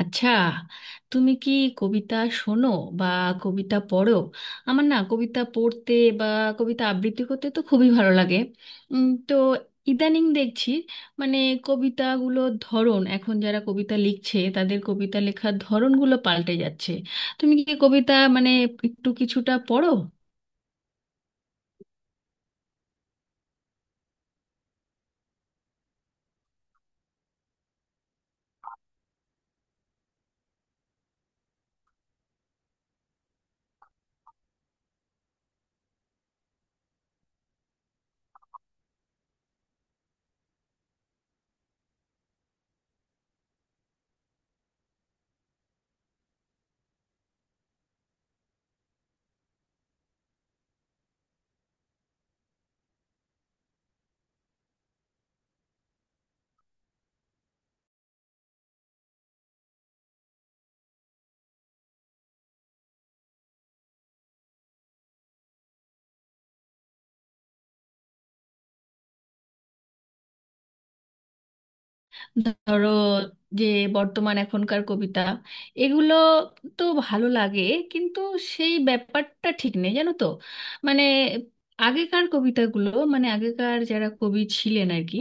আচ্ছা, তুমি কি কবিতা শোনো বা কবিতা পড়ো? আমার না কবিতা পড়তে বা কবিতা আবৃত্তি করতে তো খুবই ভালো লাগে। উম, তো ইদানিং দেখছি, মানে, কবিতাগুলোর ধরন, এখন যারা কবিতা লিখছে তাদের কবিতা লেখার ধরনগুলো পাল্টে যাচ্ছে। তুমি কি কবিতা, মানে, একটু কিছুটা পড়ো? ধরো যে বর্তমান এখনকার কবিতা এগুলো তো ভালো লাগে, কিন্তু সেই ব্যাপারটা ঠিক নেই, জানো তো। মানে, আগেকার কবিতাগুলো, মানে আগেকার যারা কবি ছিলেন আর কি,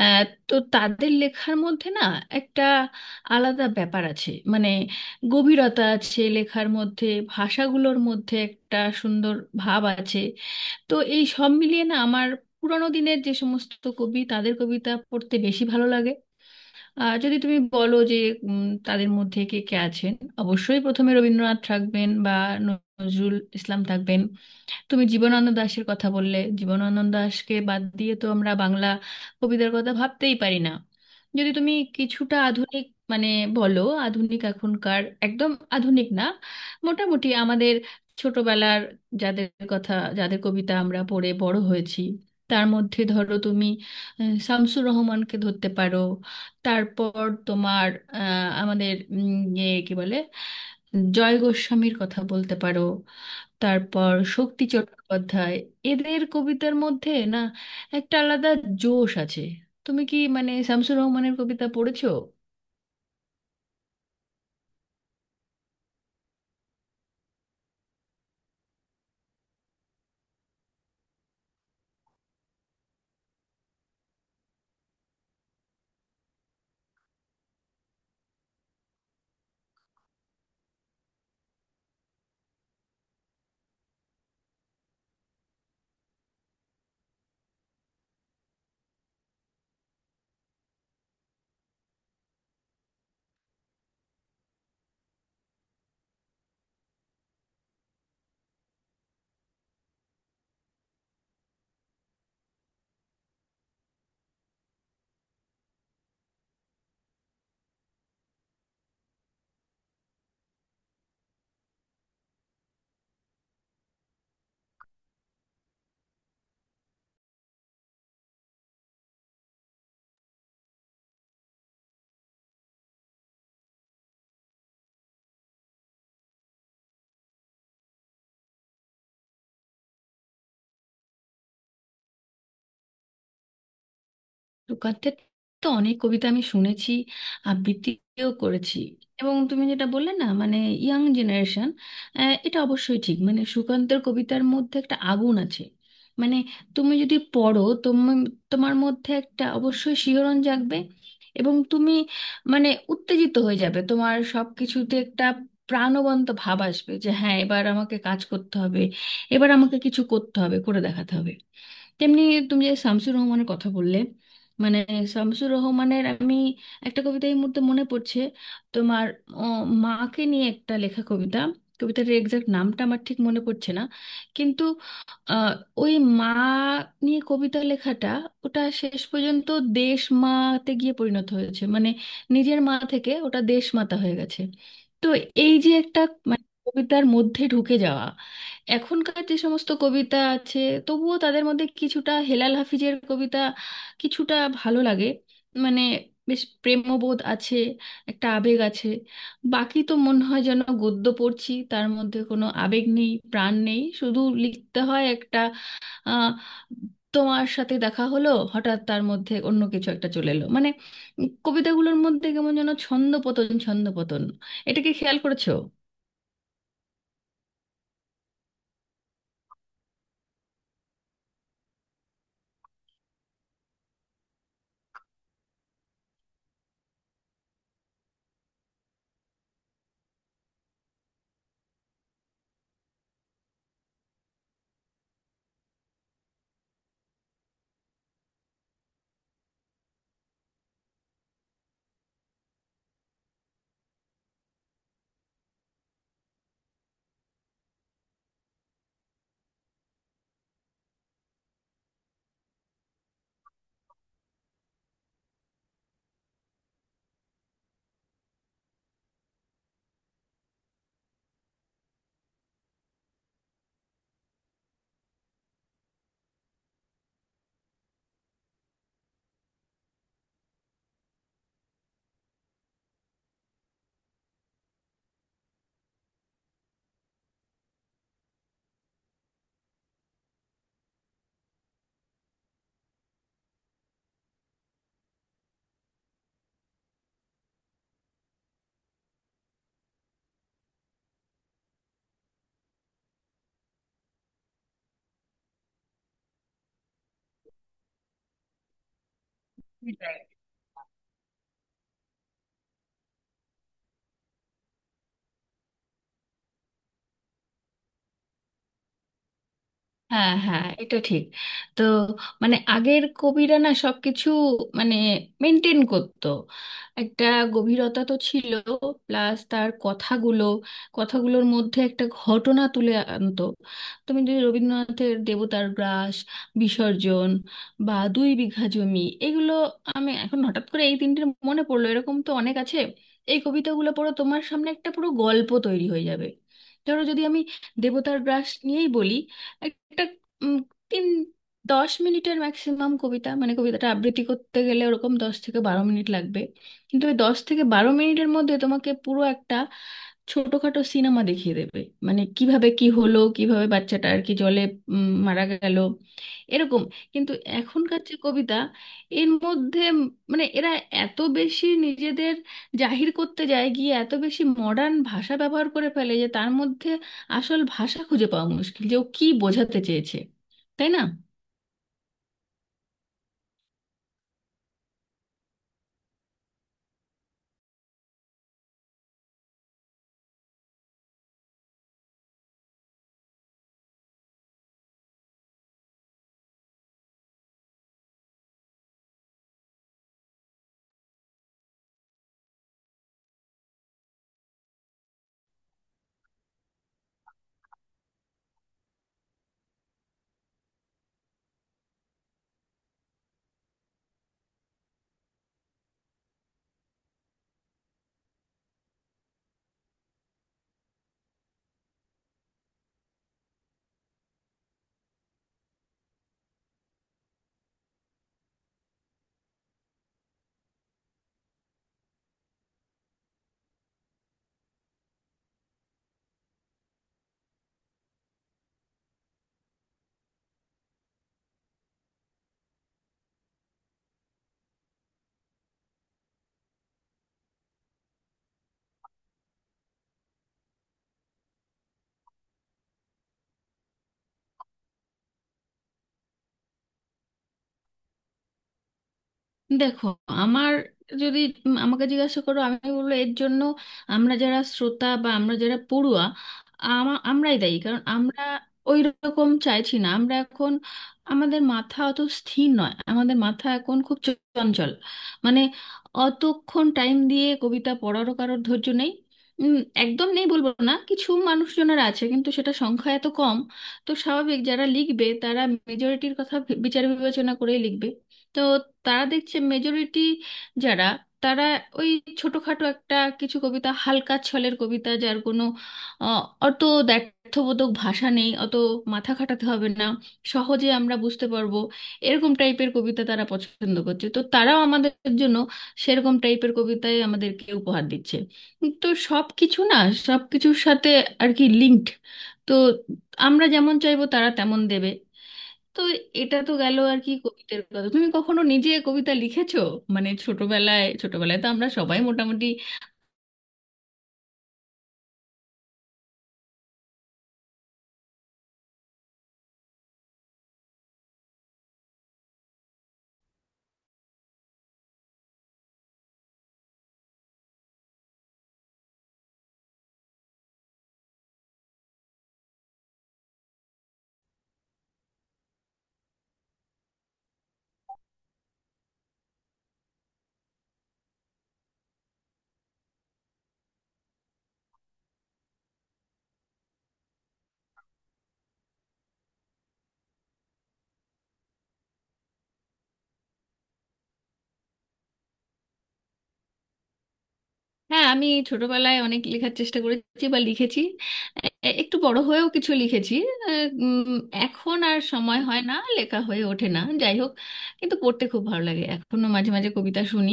আহ, তো তাদের লেখার মধ্যে না একটা আলাদা ব্যাপার আছে, মানে গভীরতা আছে লেখার মধ্যে। ভাষাগুলোর মধ্যে একটা সুন্দর ভাব আছে। তো এই সব মিলিয়ে না আমার পুরোনো দিনের যে সমস্ত কবি, তাদের কবিতা পড়তে বেশি ভালো লাগে। আর যদি তুমি বলো যে তাদের মধ্যে কে কে আছেন, অবশ্যই প্রথমে রবীন্দ্রনাথ থাকবেন বা নজরুল ইসলাম থাকবেন। তুমি জীবনানন্দ দাশের কথা বললে, জীবনানন্দ দাশকে বাদ দিয়ে তো আমরা বাংলা কবিদের কথা ভাবতেই পারি না। যদি তুমি কিছুটা আধুনিক, মানে বলো, আধুনিক এখনকার একদম আধুনিক না, মোটামুটি আমাদের ছোটবেলার, যাদের কথা, যাদের কবিতা আমরা পড়ে বড় হয়েছি, তার মধ্যে ধরো তুমি শামসুর রহমানকে ধরতে পারো। তারপর তোমার আহ, আমাদের ইয়ে কি বলে, জয় গোস্বামীর কথা বলতে পারো। তারপর শক্তি চট্টোপাধ্যায়। এদের কবিতার মধ্যে না একটা আলাদা জোশ আছে। তুমি কি, মানে, শামসুর রহমানের কবিতা পড়েছো? তুকারদের তো অনেক কবিতা আমি শুনেছি, আবৃত্তিও করেছি। এবং তুমি যেটা বললে না, মানে, ইয়াং জেনারেশন, এটা অবশ্যই ঠিক। মানে সুকান্তের কবিতার মধ্যে একটা আগুন আছে। মানে তুমি যদি পড়ো, তুমি, তোমার মধ্যে একটা অবশ্যই শিহরণ জাগবে। এবং তুমি, মানে, উত্তেজিত হয়ে যাবে, তোমার সব কিছুতে একটা প্রাণবন্ত ভাব আসবে যে, হ্যাঁ, এবার আমাকে কাজ করতে হবে, এবার আমাকে কিছু করতে হবে, করে দেখাতে হবে। তেমনি তুমি যে শামসুর রহমানের কথা বললে, মানে, শামসুর রহমানের আমি একটা কবিতা এই মুহূর্তে মনে পড়ছে। তোমার ও, মাকে নিয়ে একটা লেখা কবিতা। কবিতার এক্সাক্ট নামটা আমার ঠিক মনে পড়ছে না, কিন্তু আহ, ওই মা নিয়ে কবিতা লেখাটা, ওটা শেষ পর্যন্ত দেশ মাতে গিয়ে পরিণত হয়েছে। মানে নিজের মা থেকে ওটা দেশ মাতা হয়ে গেছে। তো এই যে একটা, মানে, কবিতার মধ্যে ঢুকে যাওয়া। এখনকার যে সমস্ত কবিতা আছে, তবুও তাদের মধ্যে কিছুটা হেলাল হাফিজের কবিতা কিছুটা ভালো লাগে। মানে বেশ প্রেমবোধ আছে, একটা আবেগ আছে। বাকি তো মনে হয় যেন গদ্য পড়ছি, তার মধ্যে কোনো আবেগ নেই, প্রাণ নেই, শুধু লিখতে হয় একটা আহ, তোমার সাথে দেখা হলো হঠাৎ, তার মধ্যে অন্য কিছু একটা চলে এলো। মানে কবিতাগুলোর মধ্যে কেমন যেন ছন্দপতন ছন্দপতন, এটাকে খেয়াল করেছো? হ্যাঁ, হ্যাঁ, এটা ঠিক। তো, মানে, আগের কবিরা না সবকিছু, মানে, মেনটেন করতো। একটা গভীরতা তো ছিল, প্লাস তার কথাগুলো, কথাগুলোর মধ্যে একটা ঘটনা তুলে আনতো। তুমি যদি রবীন্দ্রনাথের দেবতার গ্রাস, বিসর্জন, বা দুই বিঘা জমি, এগুলো আমি এখন হঠাৎ করে এই তিনটির মনে পড়লো, এরকম তো অনেক আছে। এই কবিতাগুলো পড়ো, তোমার সামনে একটা পুরো গল্প তৈরি হয়ে যাবে। ধরো যদি আমি দেবতার গ্রাস নিয়েই বলি, একটা উম, তিন 10 মিনিটের ম্যাক্সিমাম কবিতা, মানে কবিতাটা আবৃত্তি করতে গেলে ওরকম 10 থেকে 12 মিনিট লাগবে। কিন্তু ওই 10 থেকে 12 মিনিটের মধ্যে তোমাকে পুরো একটা ছোটখাটো সিনেমা দেখিয়ে দেবে। মানে কিভাবে কি হলো, কিভাবে বাচ্চাটা আর কি জলে মারা গেল, এরকম। কিন্তু এখনকার যে কবিতা, এর মধ্যে মানে এরা এত বেশি নিজেদের জাহির করতে যায়, গিয়ে এত বেশি মডার্ন ভাষা ব্যবহার করে ফেলে যে তার মধ্যে আসল ভাষা খুঁজে পাওয়া মুশকিল, যে ও কি বোঝাতে চেয়েছে। তাই না? দেখো, আমার, যদি আমাকে জিজ্ঞাসা করো, আমি বলবো, এর জন্য আমরা যারা শ্রোতা বা আমরা যারা পড়ুয়া, আমরাই দায়ী, কারণ আমরা ওই রকম চাইছি না। আমরা এখন, আমাদের মাথা অত স্থির নয়, আমাদের মাথা এখন খুব চঞ্চল। মানে অতক্ষণ টাইম দিয়ে কবিতা পড়ারও কারোর ধৈর্য নেই। উম, একদম নেই বলবো না, কিছু মানুষজনের আছে, কিন্তু সেটা সংখ্যা এত কম। তো স্বাভাবিক, যারা লিখবে তারা মেজরিটির কথা বিচার বিবেচনা করেই লিখবে। তো তারা দেখছে মেজরিটি যারা, তারা ওই ছোটখাটো একটা কিছু কবিতা, হালকা ছলের কবিতা, যার কোনো আহ, অত দ্ব্যর্থবোধক ভাষা নেই, অত মাথা খাটাতে হবে না, সহজে আমরা বুঝতে পারবো, এরকম টাইপের কবিতা তারা পছন্দ করছে। তো তারাও আমাদের জন্য সেরকম টাইপের কবিতাই আমাদেরকে উপহার দিচ্ছে। তো সব কিছু না, সব কিছুর সাথে আর কি লিঙ্কড। তো আমরা যেমন চাইবো, তারা তেমন দেবে। তো এটা তো গেল আর কি কবিতার কথা। তুমি কখনো নিজে কবিতা লিখেছো? মানে ছোটবেলায়, ছোটবেলায় তো আমরা সবাই মোটামুটি। হ্যাঁ, আমি ছোটবেলায় অনেক লেখার চেষ্টা করেছি বা লিখেছি। একটু বড় হয়েও কিছু লিখেছি। আহ, উম, এখন আর সময় হয় না, লেখা হয়ে ওঠে না। যাই হোক, কিন্তু পড়তে খুব ভালো লাগে, এখনো মাঝে মাঝে কবিতা শুনি,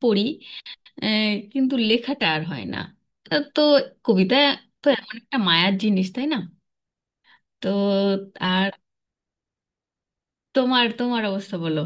পড়ি। আহ, কিন্তু লেখাটা আর হয় না। আহ, তো কবিতা তো এমন একটা মায়ার জিনিস, তাই না? তো আর তোমার তোমার অবস্থা বলো।